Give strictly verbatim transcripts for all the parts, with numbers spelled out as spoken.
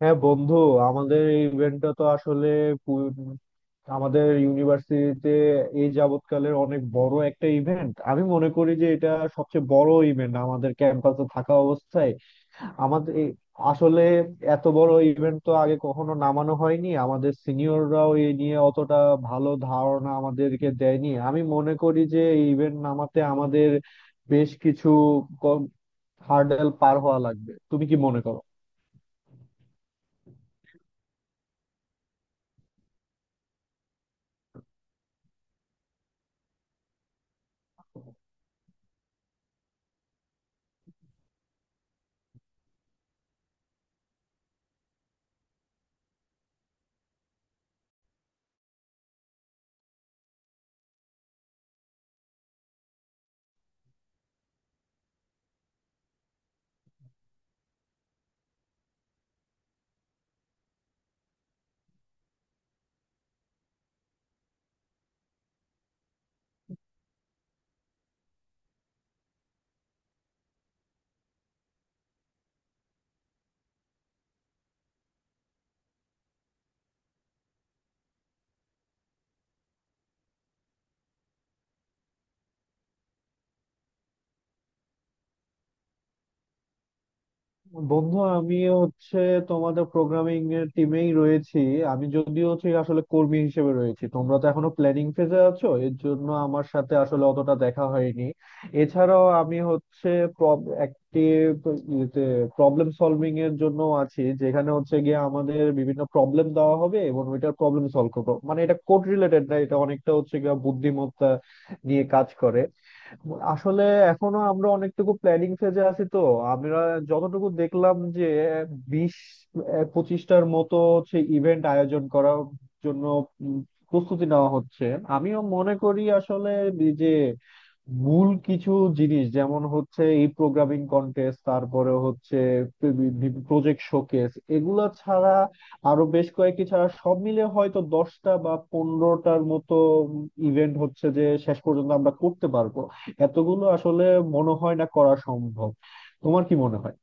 হ্যাঁ, বন্ধু। আমাদের এই ইভেন্টটা তো আসলে পু- আমাদের ইউনিভার্সিটিতে এই যাবৎকালের অনেক বড় একটা ইভেন্ট। আমি মনে করি যে এটা সবচেয়ে বড় ইভেন্ট আমাদের ক্যাম্পাসে থাকা অবস্থায়। আমাদের এই- আসলে এত বড় ইভেন্ট তো আগে কখনো নামানো হয়নি, আমাদের সিনিয়ররাও এই নিয়ে অতটা ভালো ধারণা আমাদেরকে দেয়নি। আমি মনে করি যে এই ইভেন্ট নামাতে আমাদের বেশ কিছু হার্ডেল পার হওয়া লাগবে। তুমি কি মনে করো? বন্ধু, আমিও হচ্ছে তোমাদের প্রোগ্রামিং এর টিমেই রয়েছি। আমি যদিও হচ্ছে আসলে কর্মী হিসেবে রয়েছি, তোমরা তো এখনো প্ল্যানিং ফেজে আছো, এর জন্য আমার সাথে আসলে অতটা দেখা হয়নি। এছাড়াও আমি হচ্ছে একটি প্রবলেম সলভিং এর জন্য আছি, যেখানে হচ্ছে গিয়ে আমাদের বিভিন্ন প্রবলেম দেওয়া হবে এবং ওইটার প্রবলেম সলভ করবো। মানে এটা কোড রিলেটেড না, এটা অনেকটা হচ্ছে গিয়ে বুদ্ধিমত্তা নিয়ে কাজ করে। আসলে এখনো আমরা অনেকটুকু প্ল্যানিং ফেজে আছি। তো আমরা যতটুকু দেখলাম যে বিশ আহ, পঁচিশটার মতো হচ্ছে ইভেন্ট আয়োজন করার জন্য উম, প্রস্তুতি নেওয়া হচ্ছে। আমিও মনে করি আসলে এই যে মূল কিছু জিনিস, যেমন হচ্ছে এই প্রোগ্রামিং কন্টেস্ট, তারপরে হচ্ছে প্রজেক্ট শোকেস, এগুলা ছাড়া আরো বেশ কয়েকটি ছাড়া সব মিলে হয়তো দশটা বা পনেরোটার মতো ইভেন্ট হচ্ছে যে শেষ পর্যন্ত আমরা করতে পারবো। এতগুলো আসলে মনে হয় না করা সম্ভব। তোমার কি মনে হয়?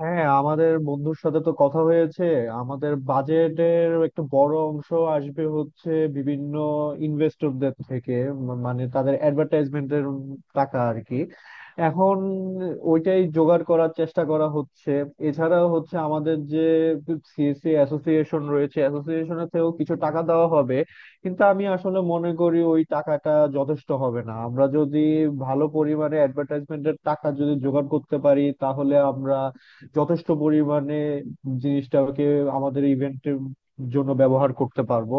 হ্যাঁ, আমাদের বন্ধুর সাথে তো কথা হয়েছে। আমাদের বাজেটের একটা বড় অংশ আসবে হচ্ছে বিভিন্ন ইনভেস্টরদের থেকে, ম- মানে তাদের অ্যাডভার্টাইজমেন্টের টাকা আর কি। এখন ওইটাই জোগাড় করার চেষ্টা করা হচ্ছে। এছাড়া হচ্ছে আমাদের যে সিএসসি অ্যাসোসিয়েশন রয়েছে, অ্যাসোসিয়েশনের থেকেও কিছু টাকা দেওয়া হবে। কিন্তু আমি আসলে মনে করি ওই টাকাটা যথেষ্ট হবে না। আমরা যদি ভালো পরিমাণে অ্যাডভার্টাইজমেন্টের টাকা যদি জোগাড় করতে পারি, তাহলে আমরা যথেষ্ট পরিমাণে জিনিসটাকে আমাদের ইভেন্টের জন্য ব্যবহার করতে পারবো।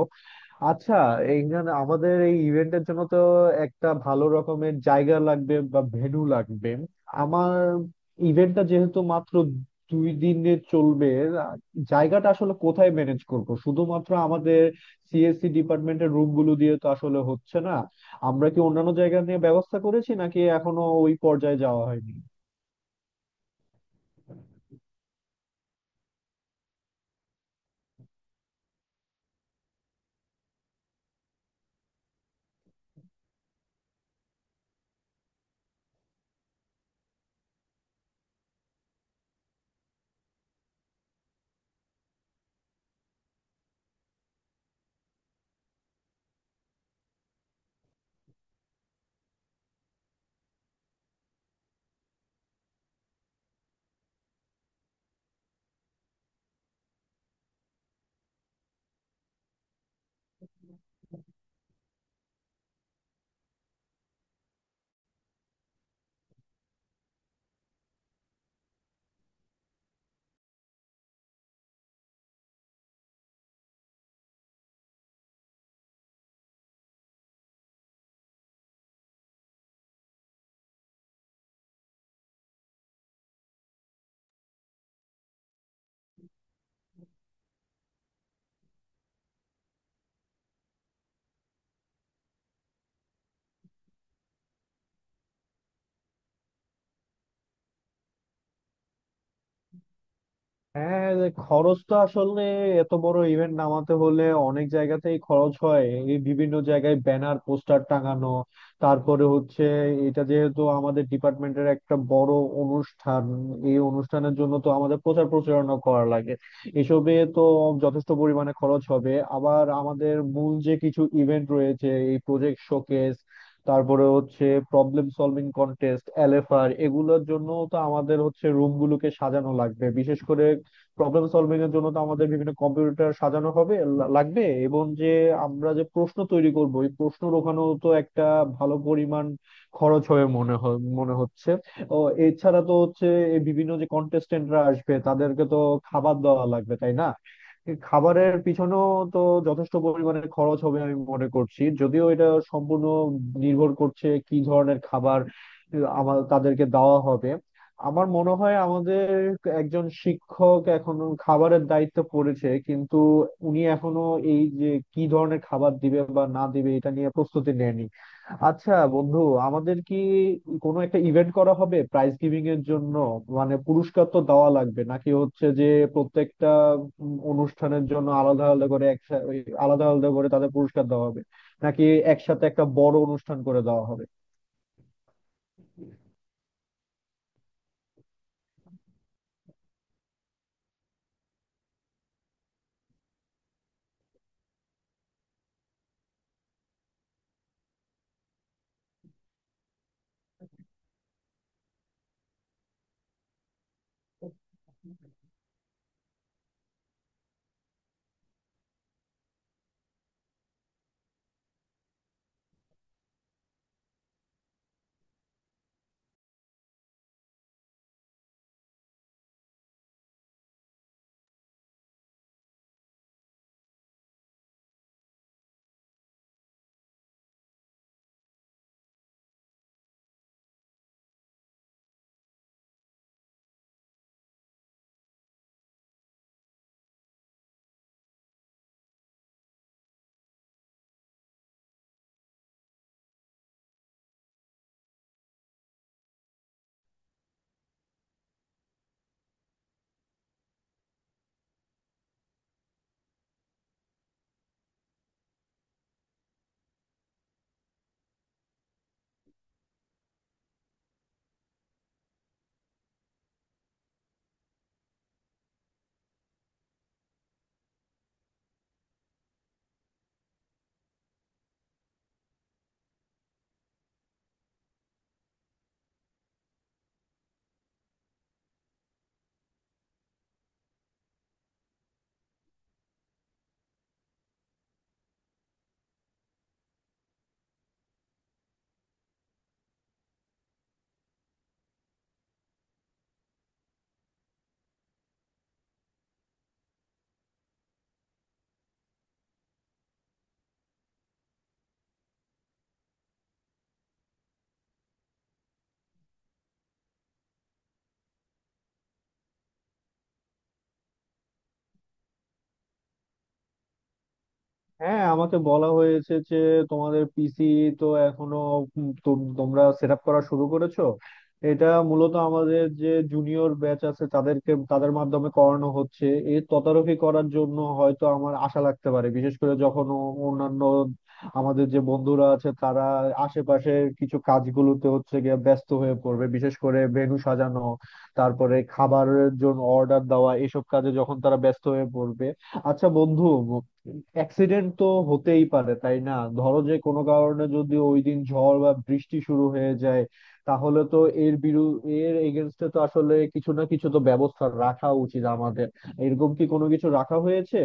আচ্ছা, এইখানে আমাদের এই ইভেন্টের জন্য তো একটা ভালো রকমের জায়গা লাগবে বা ভেন্যু লাগবে। আমার ইভেন্টটা যেহেতু মাত্র দুই দিনে চলবে, জায়গাটা আসলে কোথায় ম্যানেজ করব? শুধুমাত্র আমাদের সিএসসি ডিপার্টমেন্টের রুম গুলো দিয়ে তো আসলে হচ্ছে না। আমরা কি অন্যান্য জায়গা নিয়ে ব্যবস্থা করেছি নাকি এখনো ওই পর্যায়ে যাওয়া হয়নি? হ্যাঁ, যে খরচ তো আসলে এত বড় ইভেন্ট নামাতে হলে অনেক জায়গাতেই খরচ হয়। এই বিভিন্ন জায়গায় ব্যানার পোস্টার টাঙানো, তারপরে হচ্ছে এটা যেহেতু আমাদের ডিপার্টমেন্টের একটা বড় অনুষ্ঠান, এই অনুষ্ঠানের জন্য তো আমাদের প্রচার প্রচারণা করা লাগে, এসবে তো যথেষ্ট পরিমাণে খরচ হবে। আবার আমাদের মূল যে কিছু ইভেন্ট রয়েছে, এই প্রজেক্ট শোকেস, তারপরে হচ্ছে প্রবলেম সলভিং কন্টেস্ট, এলএফআর, এগুলোর জন্য তো আমাদের হচ্ছে রুম গুলোকে সাজানো লাগবে। বিশেষ করে প্রবলেম সলভিং এর জন্য তো আমাদের বিভিন্ন কম্পিউটার সাজানো হবে লা- লাগবে এবং যে আমরা যে প্রশ্ন তৈরি করব, এই প্রশ্ন ওখানেও তো একটা ভালো পরিমাণ খরচ হয়ে মনে হয় মনে হচ্ছে। ও, এছাড়া তো হচ্ছে এই বিভিন্ন যে কন্টেস্টেন্টরা আসবে তাদেরকে তো খাবার দেওয়া লাগবে, তাই না? এই খাবারের পিছনেও তো যথেষ্ট পরিমাণে খরচ হবে আমি মনে করছি, যদিও এটা সম্পূর্ণ নির্ভর করছে কি ধরনের খাবার আমার তাদেরকে দেওয়া হবে। আমার মনে হয় আমাদের একজন শিক্ষক এখন খাবারের দায়িত্ব পড়েছে, কিন্তু উনি এখনো এই যে কি ধরনের খাবার দিবে বা না দিবে এটা নিয়ে প্রস্তুতি নেয়নি। আচ্ছা বন্ধু, আমাদের কি কোনো একটা ইভেন্ট করা হবে প্রাইজ গিভিং এর জন্য? মানে পুরস্কার তো দেওয়া লাগবে। নাকি হচ্ছে যে প্রত্যেকটা উম, অনুষ্ঠানের জন্য আলাদা আলাদা করে, একসাথে আলাদা আলাদা করে তাদের পুরস্কার দেওয়া হবে, নাকি একসাথে একটা বড় অনুষ্ঠান করে দেওয়া হবে? হ্যাঁ, আমাকে বলা হয়েছে যে তোমাদের পিসি তো এখনো উম তো- তোমরা সেট আপ করা শুরু করেছো। এটা মূলত আমাদের যে জুনিয়র ব্যাচ আছে তাদেরকে, তাদের মাধ্যমে করানো হচ্ছে। এর তদারকি করার জন্য হয়তো আমার আশা লাগতে পারে, বিশেষ করে যখন ও- অন্যান্য আমাদের যে বন্ধুরা আছে তারা আশেপাশের কিছু কাজগুলোতে হচ্ছে গিয়ে ব্যস্ত হয়ে পড়বে, বিশেষ করে ভেন্যু সাজানো, তারপরে খাবারের জন্য অর্ডার দেওয়া, এসব কাজে যখন তারা ব্যস্ত হয়ে পড়বে। আচ্ছা বন্ধু, অ্যাক্সিডেন্ট তো হতেই পারে, তাই না? ধরো যে কোনো কারণে যদি ওই দিন ঝড় বা বৃষ্টি শুরু হয়ে যায়, তাহলে তো এর বিরু এর এগেনস্টে তো আসলে কিছু না কিছু তো ব্যবস্থা রাখা উচিত আমাদের। এরকম কি কোনো কিছু রাখা হয়েছে?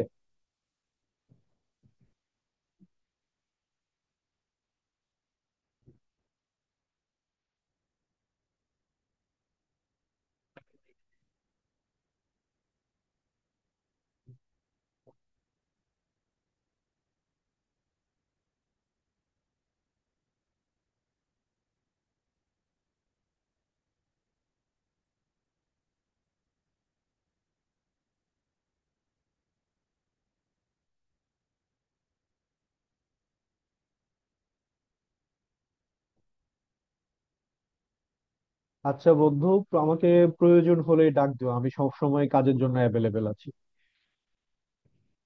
আচ্ছা বন্ধু, আমাকে প্রয়োজন হলে ডাক দিও। আমি সব সময় কাজের জন্য অ্যাভেলেবেল আছি।